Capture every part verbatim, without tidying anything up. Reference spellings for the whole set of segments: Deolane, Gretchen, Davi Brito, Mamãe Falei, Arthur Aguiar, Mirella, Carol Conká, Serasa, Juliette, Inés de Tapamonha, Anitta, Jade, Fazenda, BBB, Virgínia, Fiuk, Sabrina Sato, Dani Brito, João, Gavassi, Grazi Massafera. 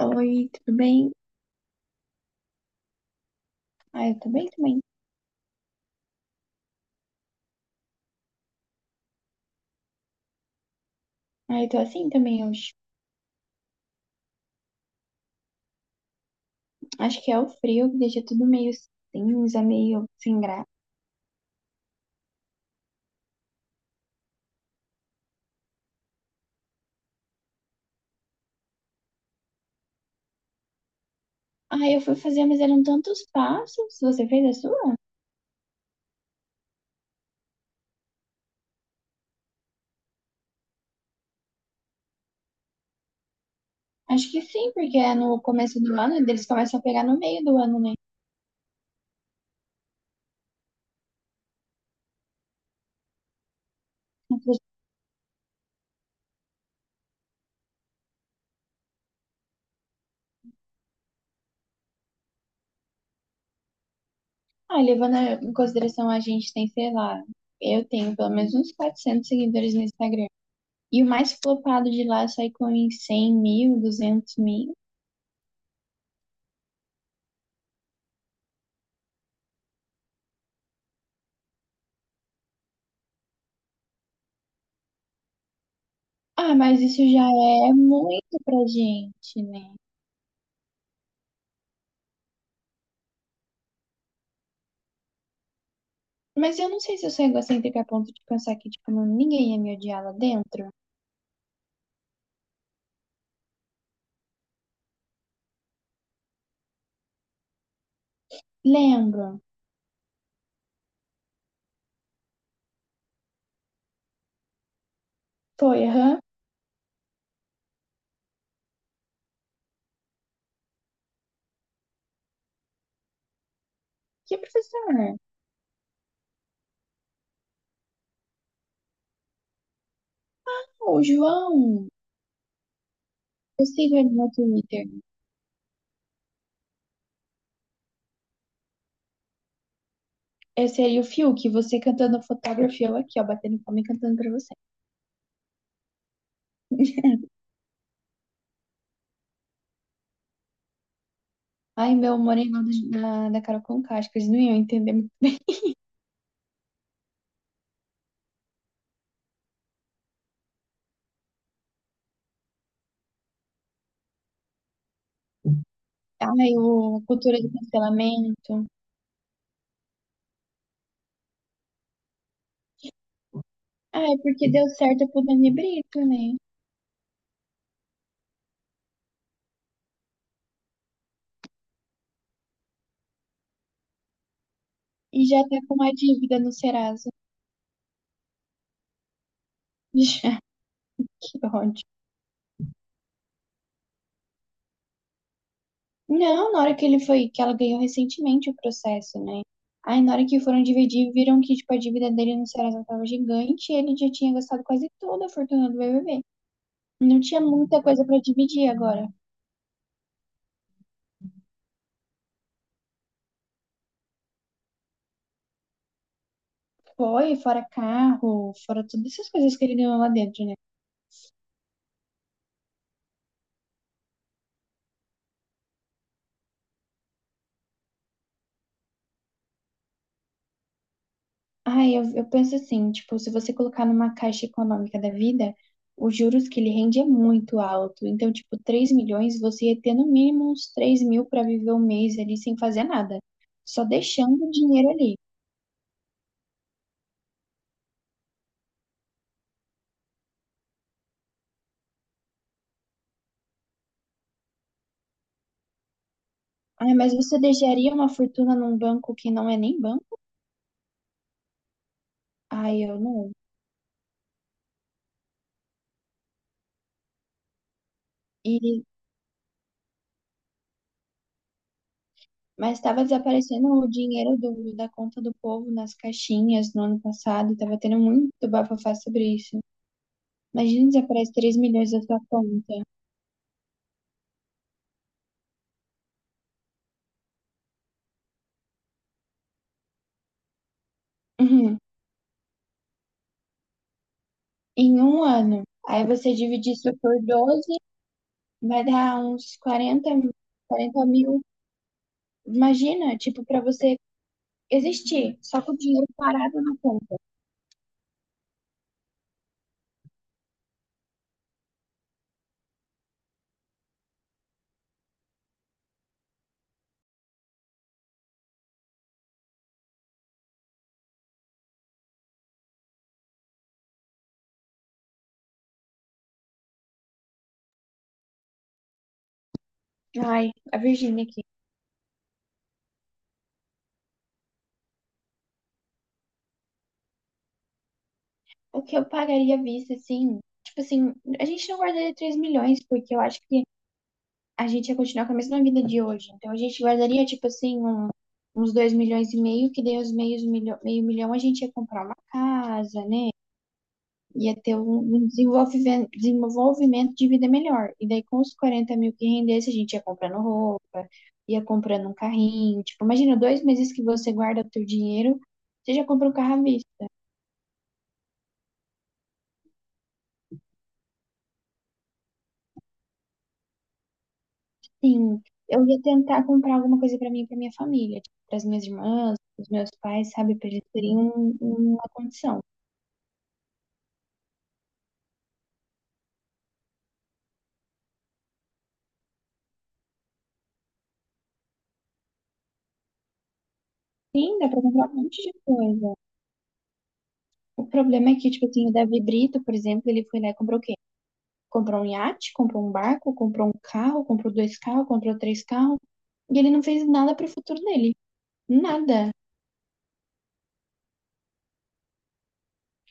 Oi, tudo bem? Ah, eu tô bem também. Ah, eu tô assim também hoje. Acho que é o frio que deixa tudo meio cinza, meio sem graça. Ah, eu fui fazer, mas eram tantos passos. Você fez a sua? Acho que sim, porque é no começo do ano, e eles começam a pegar no meio do ano, né? Ah, levando em consideração a gente tem, sei lá, eu tenho pelo menos uns quatrocentos seguidores no Instagram. E o mais flopado de lá sai com uns cem mil, duzentos mil. Ah, mas isso já é muito pra gente, né? Mas eu não sei se eu sou egocêntrica a ponto de pensar que, tipo, não- ninguém ia me odiar lá dentro. Lembro. Foi, aham. Que professor? Ô, João. Eu sigo ele no Twitter. Esse aí, o Fiuk, você cantando fotografia, eu aqui, ó, batendo palma e cantando pra você. Ai, meu moreno da, da Carol Conká, acho que eles não iam entender muito. Ai, o a cultura do cancelamento. Ai, porque deu certo pro Dani Brito, né? E já tá com uma dívida no Serasa. Já, que ódio. Não, na hora que ele foi, que ela ganhou recentemente o processo, né? Aí na hora que foram dividir, viram que tipo, a dívida dele no Serasa estava gigante e ele já tinha gastado quase toda a fortuna do B B B. Não tinha muita coisa para dividir agora. Foi, fora carro, fora todas essas coisas que ele ganhou lá dentro, né? Ai, eu, eu penso assim, tipo, se você colocar numa caixa econômica da vida, os juros que ele rende é muito alto. Então, tipo, três milhões, você ia ter no mínimo uns três mil para viver um mês ali sem fazer nada. Só deixando o dinheiro ali. Ai, mas você deixaria uma fortuna num banco que não é nem banco? Ai, eu não. E, mas estava desaparecendo o dinheiro do, da conta do povo nas caixinhas no ano passado. Estava tendo muito bafafá sobre isso. Imagina, desaparece três milhões da sua conta. Em um ano. Aí você divide isso por doze, vai dar uns quarenta quarenta mil. Imagina, tipo, pra você existir, só com o dinheiro parado na conta. Ai, a Virgínia aqui. O que eu pagaria à vista, assim? Tipo assim, a gente não guardaria três milhões, porque eu acho que a gente ia continuar com a mesma vida de hoje. Então a gente guardaria, tipo assim, um- uns dois milhões e meio, que daí os meios, milho- meio milhão a gente ia comprar uma casa, né? Ia ter um um desenvolvimen- desenvolvimento de vida melhor. E daí, com os quarenta mil que rendesse, a gente ia comprando roupa, ia comprando um carrinho. Tipo, imagina, dois meses que você guarda o teu dinheiro, você já compra um carro à vista. Sim, eu ia tentar comprar alguma coisa pra mim e pra minha família, tipo, pras minhas irmãs, pros meus pais, sabe? Pra eles terem um- uma condição. Sim, dá pra comprar um monte de coisa. O problema é que, tipo assim, o Davi Brito, por exemplo, ele foi lá e comprou o quê? Comprou um iate, comprou um barco, comprou um carro, comprou dois carros, comprou três carros, e ele não fez nada pro futuro dele. Nada.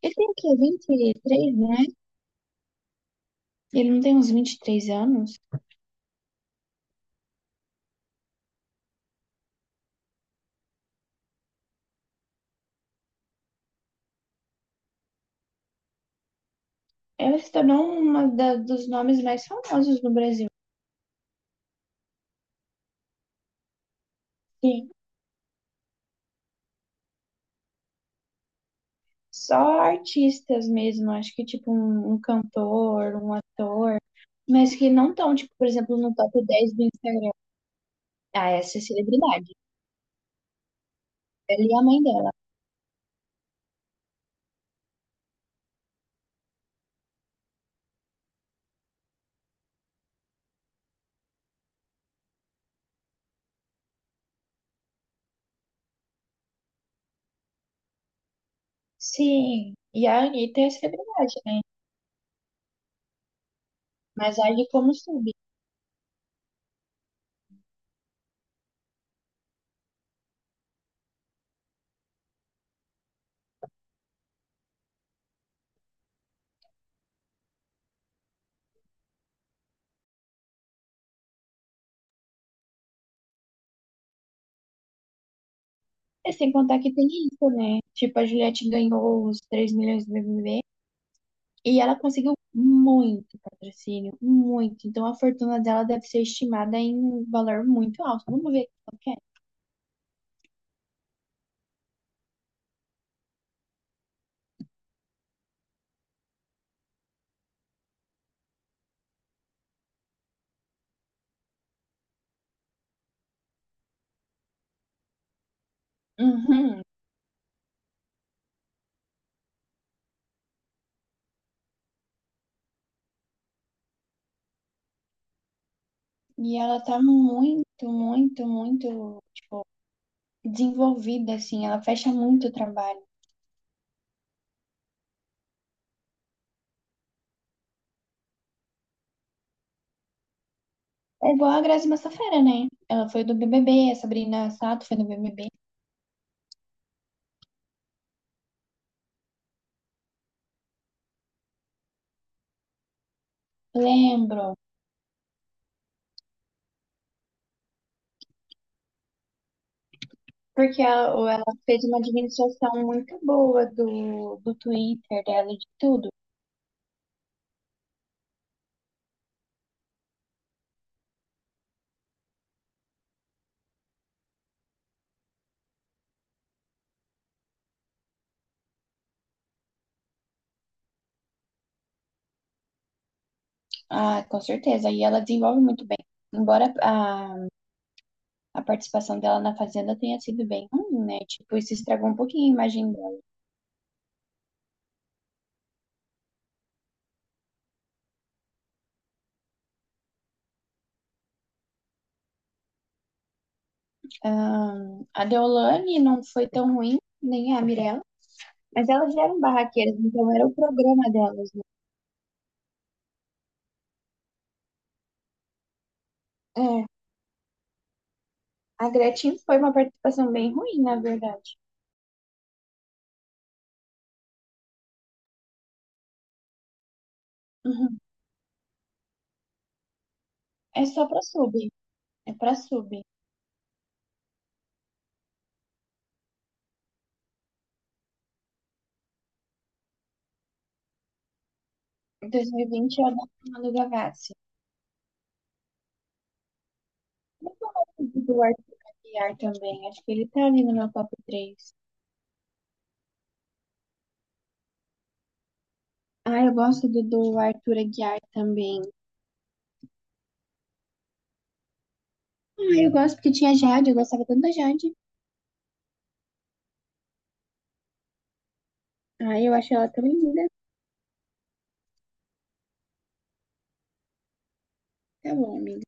Ele tem o quê? vinte e três, né? Ele não tem uns vinte e três anos? Ela se tornou uma da- dos nomes mais famosos no Brasil. Sim. Só artistas mesmo, acho que tipo um, um cantor, um ator, mas que não estão, tipo, por exemplo, no top dez do Instagram. Ah, essa é celebridade. Ela e a mãe dela. Sim, e a Anitta é celebridade, né? Mas olha como soube. É sem contar que tem isso, né? Tipo, a Juliette ganhou os três milhões do B B B e ela conseguiu muito patrocínio, muito. Então a fortuna dela deve ser estimada em um valor muito alto. Vamos ver o que é. Uhum. E ela tá muito, muito, muito, tipo, desenvolvida, assim. Ela fecha muito o trabalho. É igual a Grazi Massafera, né? Ela foi do B B B, a Sabrina Sato foi do B B B. Lembro. Porque ela, ou ela fez uma administração muito boa do, do Twitter dela e de tudo. Ah, com certeza. E ela desenvolve muito bem. Embora a, a participação dela na Fazenda tenha sido bem ruim, né? Tipo, isso estragou um pouquinho a imagem dela. Ah, a Deolane não foi tão ruim, nem a Mirella. Mas elas eram barraqueiras, então era o programa delas, né? É. A Gretchen foi uma participação bem ruim, na verdade. Uhum. É só pra sub. É pra sub. Em dois mil e vinte ela não do Gavassi. Eu gosto do Arthur Aguiar também. Acho que ele tá ali no meu top três. Ah, eu gosto do, do Arthur Aguiar também. Ah, eu gosto porque tinha Jade. Eu gostava tanto da Jade. Ah, eu acho ela tão linda. Tá bom, amiga.